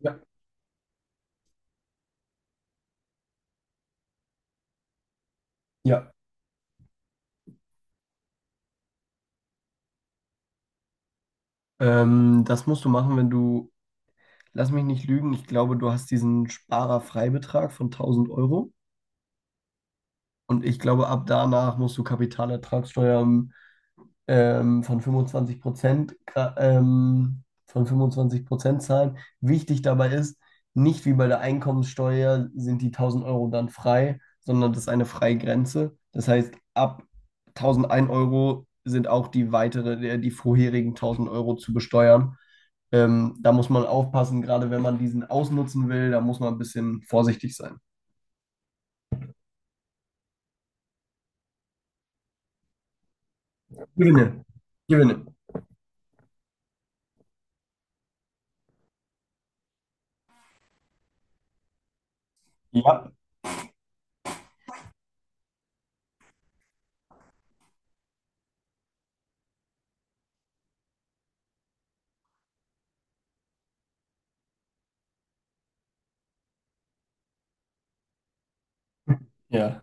Ja. Ja. Das musst du machen, wenn du, lass mich nicht lügen, ich glaube, du hast diesen Sparerfreibetrag von tausend Euro und ich glaube, ab danach musst du Kapitalertragssteuer von 25%, von 25% zahlen. Wichtig dabei ist, nicht wie bei der Einkommenssteuer sind die 1000 Euro dann frei, sondern das ist eine Freigrenze. Das heißt, ab 1001 Euro sind auch die vorherigen 1000 Euro zu besteuern. Da muss man aufpassen, gerade wenn man diesen ausnutzen will, da muss man ein bisschen vorsichtig sein. Gewinne. Gewinne. Ja. Ja.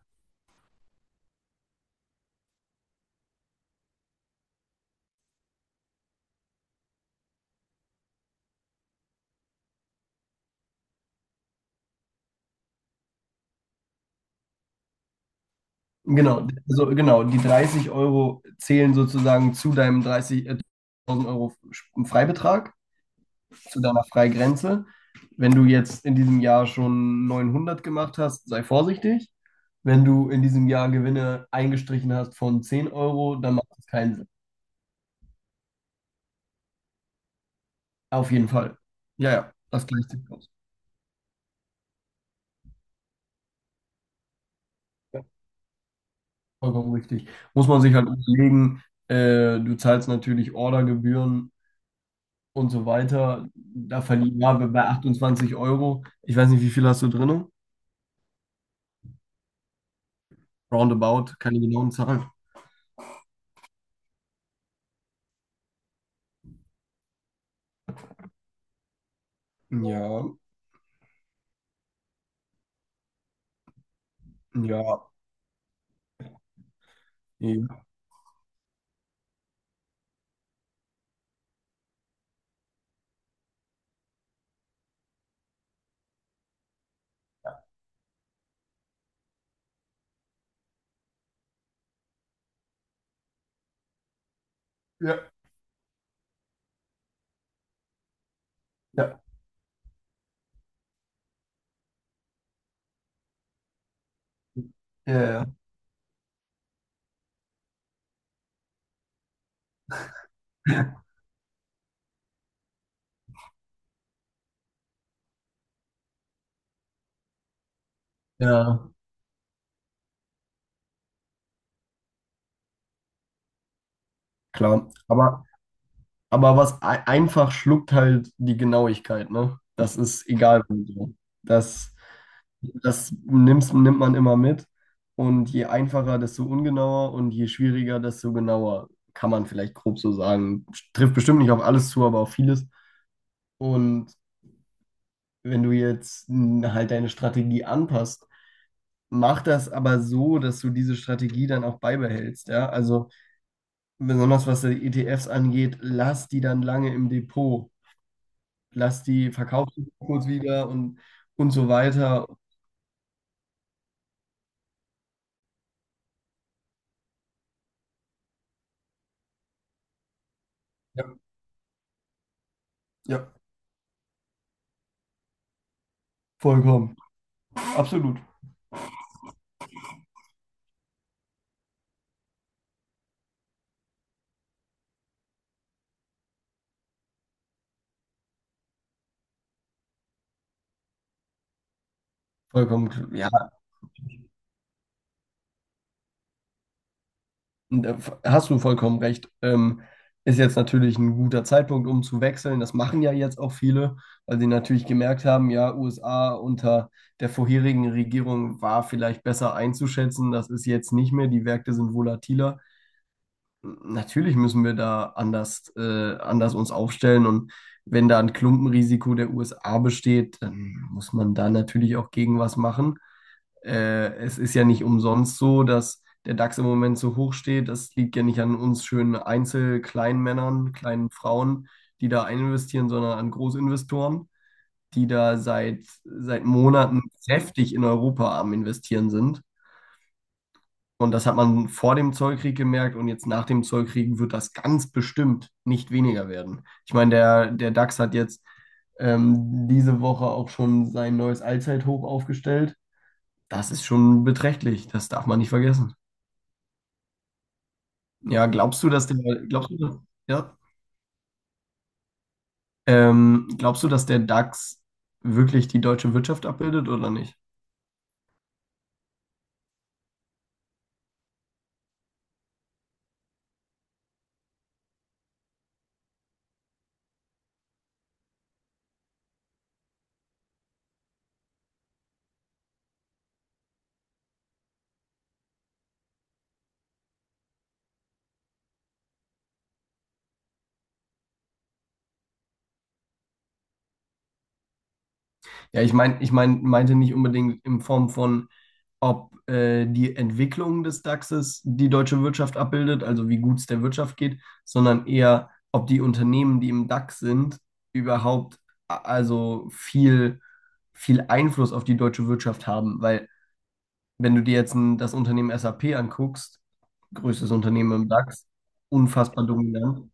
Genau, also genau, die 30 Euro zählen sozusagen zu 1000 Euro Freibetrag, zu deiner Freigrenze. Wenn du jetzt in diesem Jahr schon 900 gemacht hast, sei vorsichtig. Wenn du in diesem Jahr Gewinne eingestrichen hast von 10 Euro, dann macht das keinen Sinn. Auf jeden Fall. Ja, ja, das gleicht sich aus. Vollkommen richtig. Muss man sich halt überlegen, äh, du zahlst natürlich Ordergebühren und so weiter. Da verlieren wir bei 28 Euro. Ich weiß nicht, wie viel hast du drin? Roundabout, keine genauen Zahlen. Ja, ja, ja. Ja, ja, ja, ja. Ja, klar. Aber was einfach schluckt halt die Genauigkeit, ne? Das ist egal. Wo so. Das, Das nimmt man immer mit. Und je einfacher, desto ungenauer und je schwieriger, desto genauer. Kann man vielleicht grob so sagen. Trifft bestimmt nicht auf alles zu, aber auf vieles. Und wenn du jetzt n, halt deine Strategie anpasst, mach das aber so, dass du diese Strategie dann auch beibehältst. Ja? Also besonders was die ETFs angeht, lass die dann lange im Depot, lass die verkauf die kurz wieder und so weiter. Ja, ja, vollkommen. Absolut. Vollkommen, ja. Da hast du vollkommen recht. Ist jetzt natürlich ein guter Zeitpunkt, um zu wechseln. Das machen ja jetzt auch viele, weil sie natürlich gemerkt haben, ja, USA unter der vorherigen Regierung war vielleicht besser einzuschätzen. Das ist jetzt nicht mehr. Die Märkte sind volatiler. Natürlich müssen wir da anders uns aufstellen und wenn da ein Klumpenrisiko der USA besteht, dann muss man da natürlich auch gegen was machen. Es ist ja nicht umsonst so, dass der DAX im Moment so hoch steht. Das liegt ja nicht an uns schönen Einzel-Kleinmännern, kleinen Frauen, die da eininvestieren, sondern an Großinvestoren, die da seit Monaten kräftig in Europa am Investieren sind. Und das hat man vor dem Zollkrieg gemerkt und jetzt nach dem Zollkrieg wird das ganz bestimmt nicht weniger werden. Ich meine, der DAX hat jetzt diese Woche auch schon sein neues Allzeithoch aufgestellt. Das ist schon beträchtlich, das darf man nicht vergessen. Ja, glaubst du, ja, glaubst du, dass der DAX wirklich die deutsche Wirtschaft abbildet oder nicht? Ja, ich meine, meinte nicht unbedingt in Form von, ob die Entwicklung des DAXes die deutsche Wirtschaft abbildet, also wie gut es der Wirtschaft geht, sondern eher, ob die Unternehmen, die im DAX sind, überhaupt a- also viel, viel Einfluss auf die deutsche Wirtschaft haben. Weil wenn du dir jetzt das Unternehmen SAP anguckst, größtes Unternehmen im DAX, unfassbar dominant,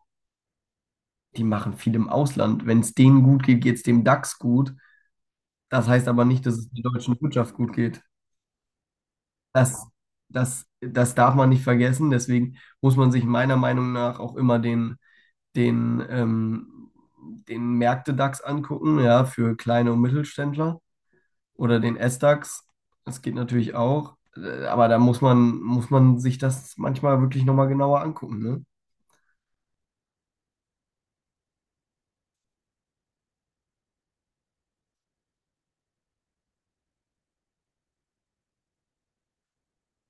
die machen viel im Ausland. Wenn es denen gut geht, geht es dem DAX gut. Das heißt aber nicht, dass es der deutschen Wirtschaft gut geht. Das, Das darf man nicht vergessen. Deswegen muss man sich meiner Meinung nach auch immer den, ähm, den Märkte-DAX angucken, ja, für kleine und Mittelständler oder den S-DAX. Das geht natürlich auch. Aber muss man sich das manchmal wirklich nochmal genauer angucken, ne?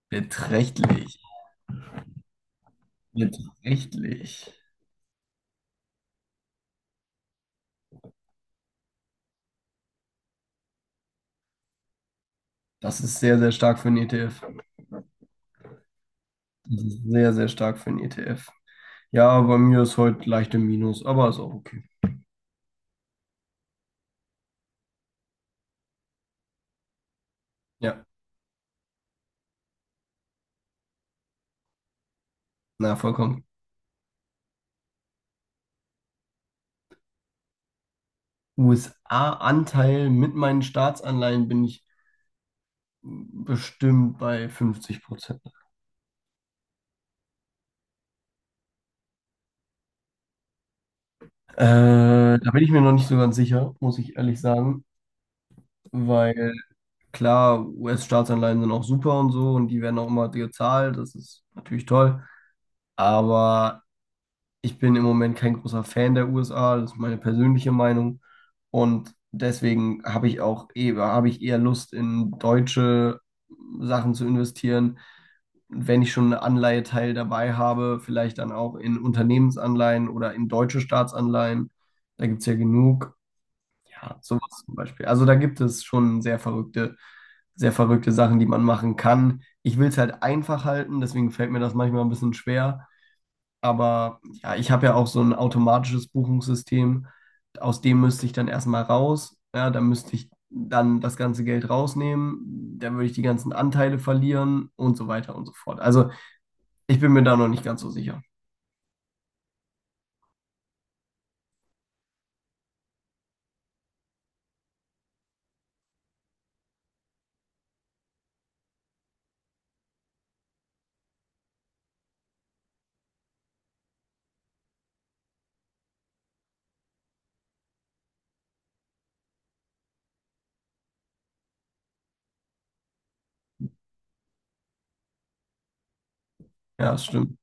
Beträchtlich. Beträchtlich. Das ist sehr, sehr stark für einen ETF. Das ist sehr, sehr stark für einen ETF. Ja, bei mir ist heute leicht im Minus, aber ist auch okay. Ja, na, vollkommen. USA-Anteil mit meinen Staatsanleihen bin ich bestimmt bei 50%. Da bin ich mir noch nicht so ganz sicher, muss ich ehrlich sagen, weil klar, US-Staatsanleihen sind auch super und so und die werden auch immer gezahlt, das ist natürlich toll. Aber ich bin im Moment kein großer Fan der USA, das ist meine persönliche Meinung. Und deswegen habe ich eher Lust, in deutsche Sachen zu investieren. Wenn ich schon einen Anleiheteil dabei habe, vielleicht dann auch in Unternehmensanleihen oder in deutsche Staatsanleihen. Da gibt es ja genug. Ja, sowas zum Beispiel. Also da gibt es schon sehr verrückte Sachen, die man machen kann. Ich will es halt einfach halten, deswegen fällt mir das manchmal ein bisschen schwer. Aber ja, ich habe ja auch so ein automatisches Buchungssystem. Aus dem müsste ich dann erstmal raus. Ja, da müsste ich dann das ganze Geld rausnehmen. Dann würde ich die ganzen Anteile verlieren und so weiter und so fort. Also ich bin mir da noch nicht ganz so sicher. Ja, das stimmt.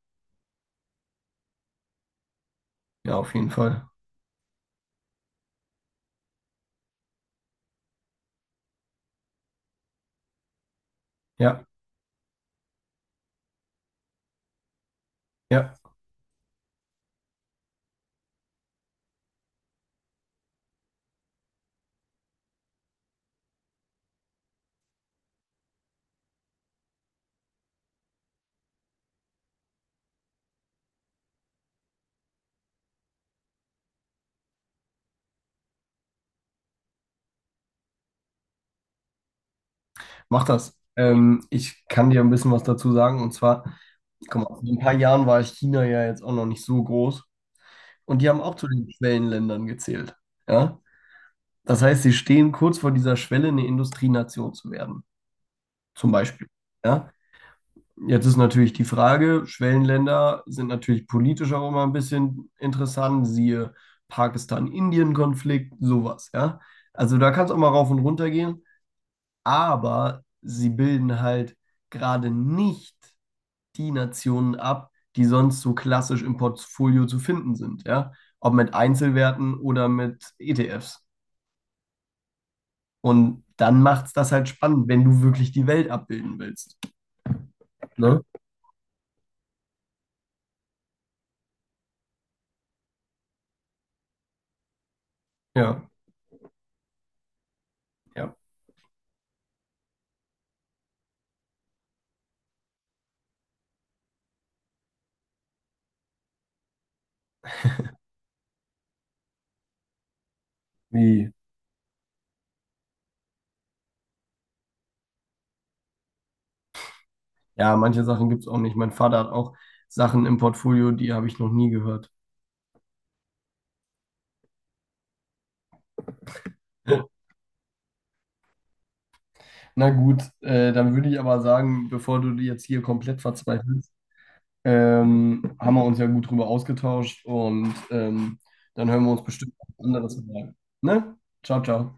Ja, auf jeden Fall. Ja, ja, mach das. Ich kann dir ein bisschen was dazu sagen. Und zwar, guck mal, vor ein paar Jahren war China ja jetzt auch noch nicht so groß. Und die haben auch zu den Schwellenländern gezählt. Ja. Das heißt, sie stehen kurz vor dieser Schwelle, eine Industrienation zu werden, zum Beispiel. Ja? Jetzt ist natürlich die Frage, Schwellenländer sind natürlich politisch auch immer ein bisschen interessant, siehe Pakistan-Indien-Konflikt, sowas, ja. Also da kann es auch mal rauf und runter gehen, aber sie bilden halt gerade nicht die Nationen ab, die sonst so klassisch im Portfolio zu finden sind, ja. Ob mit Einzelwerten oder mit ETFs. Und dann macht es das halt spannend, wenn du wirklich die Welt abbilden willst. Ne? Ja, ja. Wie? Ja, manche Sachen gibt es auch nicht. Mein Vater hat auch Sachen im Portfolio, die habe ich noch nie gehört. Na gut, dann würde ich aber sagen, bevor du jetzt hier komplett verzweifelst, haben wir uns ja gut drüber ausgetauscht dann hören wir uns bestimmt was anderes Mal. Ne? Ciao, ciao.